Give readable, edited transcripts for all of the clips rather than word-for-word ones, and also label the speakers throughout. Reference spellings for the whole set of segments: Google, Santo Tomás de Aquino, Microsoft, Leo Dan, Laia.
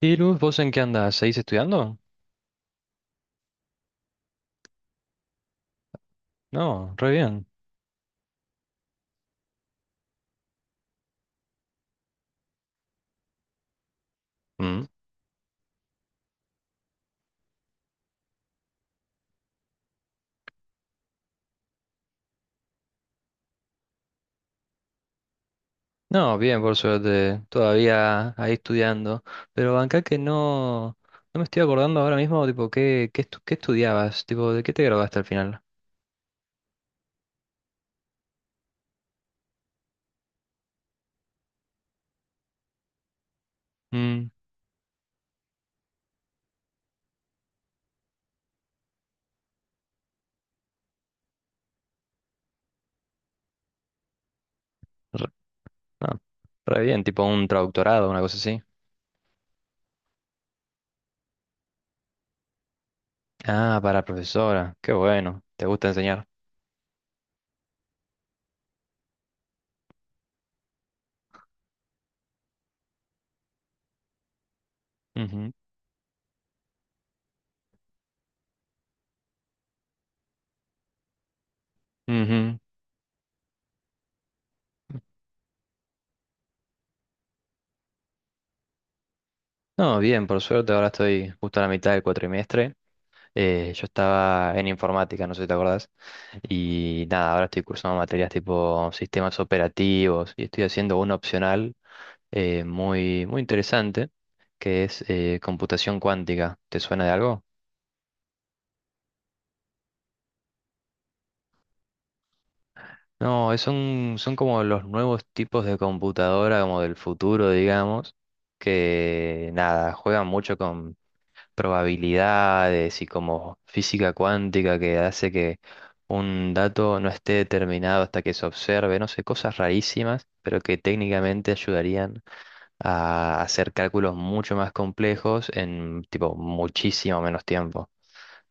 Speaker 1: Y Luz, ¿vos en qué andás? ¿Seguís estudiando? No, re bien. Mm. No, bien, por suerte, todavía ahí estudiando. Pero acá que no, no me estoy acordando ahora mismo, tipo, qué estudiabas, tipo, ¿de qué te graduaste al final? Mm, re- no, re bien, tipo un traductorado, una cosa así. Ah, para profesora, qué bueno, te gusta enseñar. Ujú, ujú. No, bien, por suerte, ahora estoy justo a la mitad del cuatrimestre. Yo estaba en informática, no sé si te acordás. Y nada, ahora estoy cursando materias tipo sistemas operativos y estoy haciendo un opcional muy, muy interesante, que es computación cuántica. ¿Te suena de algo? No, es un- Son como los nuevos tipos de computadora, como del futuro, digamos, que nada, juegan mucho probabilidades y como física cuántica, que hace que un dato no esté determinado hasta que se observe, no sé, cosas rarísimas, pero que técnicamente ayudarían a hacer cálculos mucho más complejos en tipo muchísimo menos tiempo.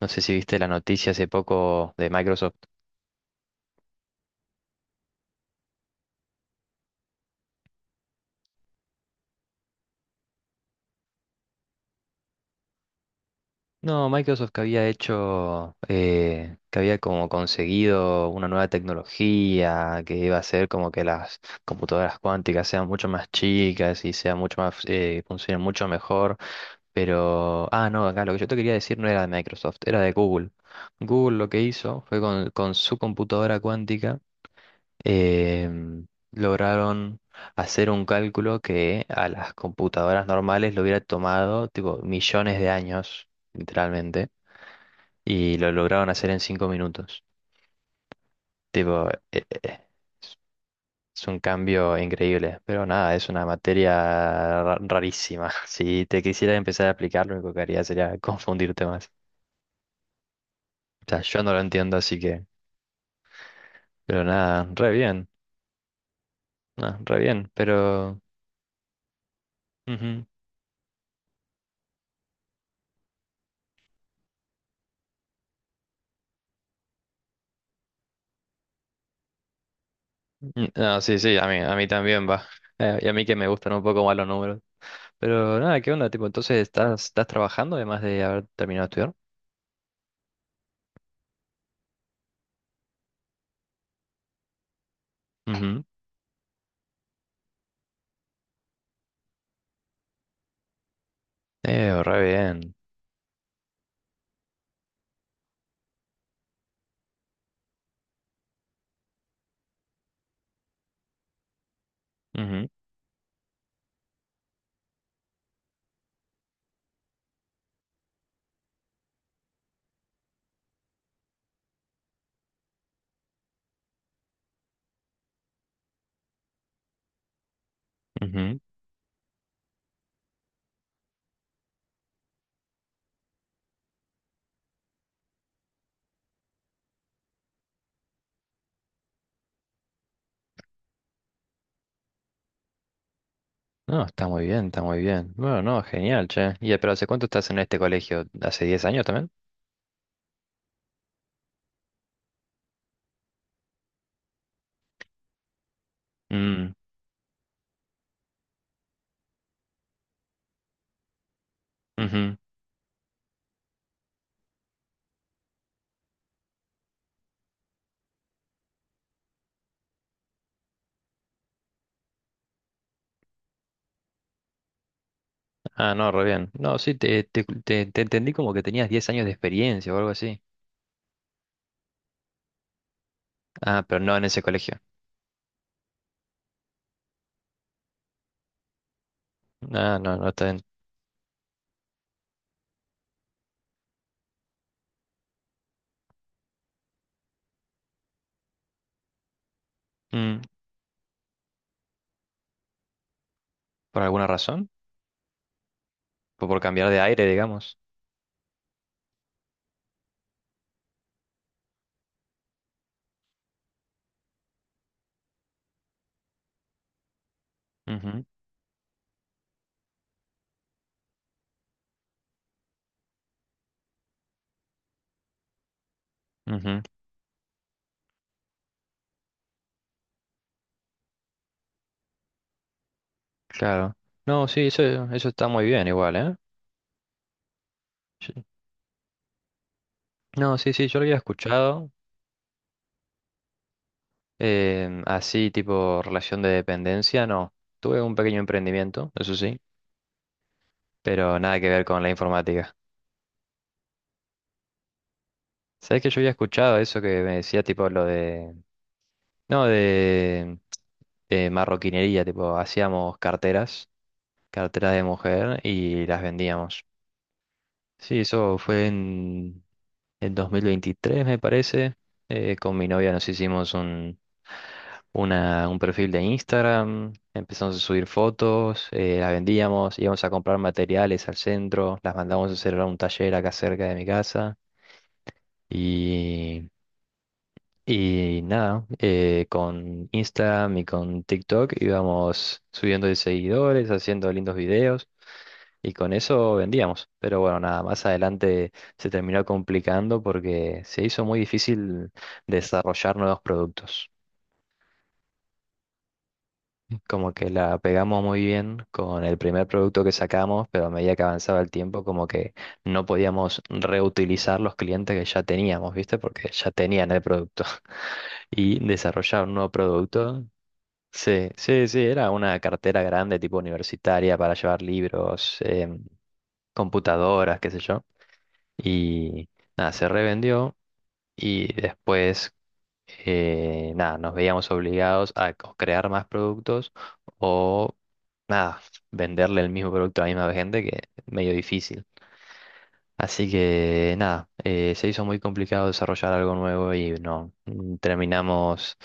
Speaker 1: No sé si viste la noticia hace poco de Microsoft. No, Microsoft que había hecho, que había como conseguido una nueva tecnología que iba a hacer como que las computadoras cuánticas sean mucho más chicas y sean mucho más, funcionen mucho mejor. Pero, ah, no, acá lo que yo te quería decir no era de Microsoft, era de Google. Google lo que hizo fue con su computadora cuántica, lograron hacer un cálculo que a las computadoras normales le hubiera tomado, tipo, millones de años, literalmente, y lo lograron hacer en 5 minutos. Tipo, es un cambio increíble, pero nada, es una materia rarísima. Si te quisieras empezar a aplicar, lo único que haría sería confundirte más. O sea, yo no lo entiendo, así que, pero nada, re bien, no, re bien, pero... ujú. Mm, no, sí, sí, a mí también va. Y a mí que me gustan un poco más los números. Pero nada, ¿qué onda? Tipo, entonces estás trabajando además de haber terminado de estudiar. Ujú. Re bien. Ujú, ujú. No, está muy bien, está muy bien. Bueno, no, genial, che. ¿Y pero hace cuánto estás en este colegio? ¿Hace 10 años también? Mm, ujú. Ah, no, re bien. No, sí, te entendí como que tenías 10 años de experiencia o algo así. Ah, pero no en ese colegio. Ah, no, no está bien. Mm, ¿por alguna razón? ¿Por cambiar de aire, digamos? Ujú, ujú, claro. No, sí, eso está muy bien igual, ¿eh? Sí. No, sí, sí, yo lo había escuchado. Así, tipo relación de dependencia, no. Tuve un pequeño emprendimiento, eso sí. Pero nada que ver con la informática. ¿Sabés que yo había escuchado eso que me decía tipo lo de... No, de marroquinería, tipo hacíamos carteras, carteras de mujer y las vendíamos. Sí, eso fue en el 2023, me parece. Con mi novia nos hicimos un perfil de Instagram, empezamos a subir fotos, las vendíamos, íbamos a comprar materiales al centro, las mandamos a hacer a un taller acá cerca de mi casa. y Y nada, con Instagram y con TikTok íbamos subiendo de seguidores, haciendo lindos videos, y con eso vendíamos. Pero bueno, nada, más adelante se terminó complicando porque se hizo muy difícil desarrollar nuevos productos. Como que la pegamos muy bien con el primer producto que sacamos, pero a medida que avanzaba el tiempo, como que no podíamos reutilizar los clientes que ya teníamos, ¿viste? Porque ya tenían el producto y desarrollar un nuevo producto. Sí, sí, sí, era una cartera grande, tipo universitaria, para llevar libros, computadoras, qué sé yo. Y nada, se revendió, y después, nada, nos veíamos obligados a o crear más productos o, nada, venderle el mismo producto a la misma gente, que medio difícil. Así que nada, se hizo muy complicado desarrollar algo nuevo y no terminamos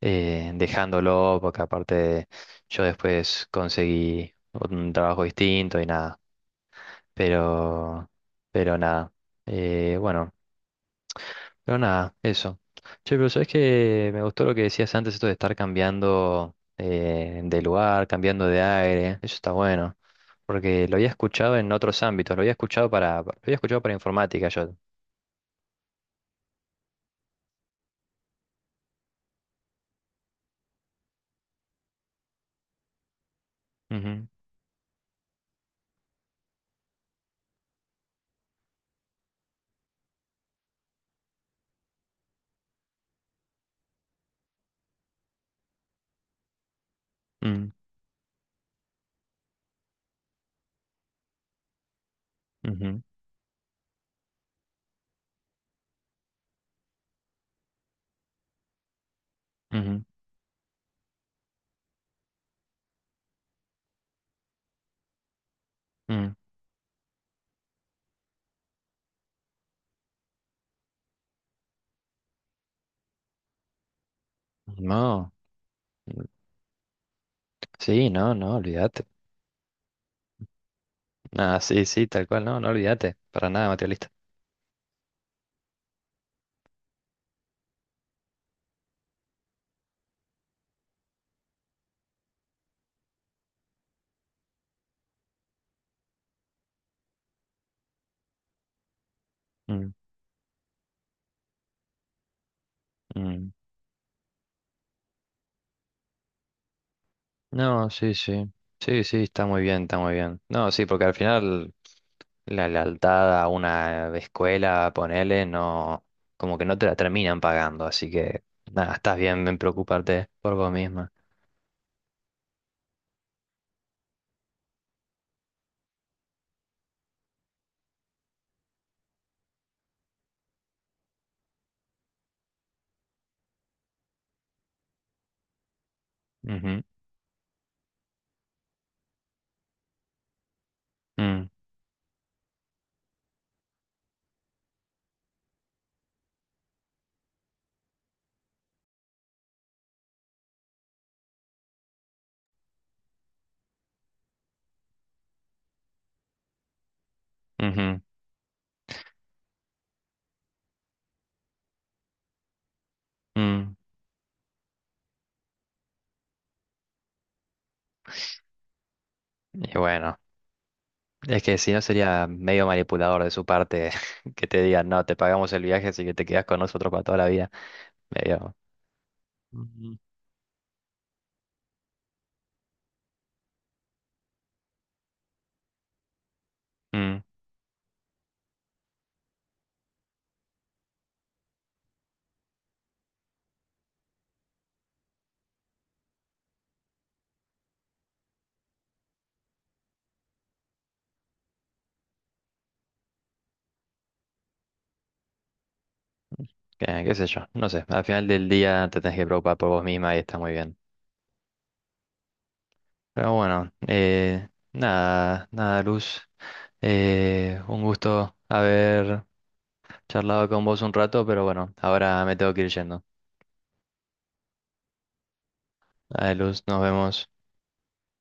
Speaker 1: dejándolo, porque aparte yo después conseguí un trabajo distinto y nada, pero pero nada, eh, bueno, pero nada, eso. Che, pero sabes que me gustó lo que decías antes, esto de estar cambiando de lugar, cambiando de aire. Eso está bueno. Porque lo había escuchado en otros ámbitos, lo había escuchado para informática yo. Ujú, mm, ujú, ujú, mm. No, mm, sí, no, no, olvídate. Nada, sí, sí, tal cual, no, no olvídate. Para nada, materialista. Mm, mm. No, sí, sí. Sí, sí, está muy bien, está muy bien. No, sí, porque al final la lealtad a una escuela, ponele, no, como que no te la terminan pagando, así que nada, estás bien en preocuparte por vos misma. Ujú, mm, ujú, mm. Y bueno, es que si no sería medio manipulador de su parte que te digan, no, te pagamos el viaje, así que te quedas con nosotros para toda la vida. Medio. Mm, qué sé yo, no sé, al final del día te tenés que preocupar por vos misma y está muy bien. Pero bueno, nada, Luz, un gusto haber charlado con vos un rato, pero bueno, ahora me tengo que ir yendo. Dale, Luz, nos vemos.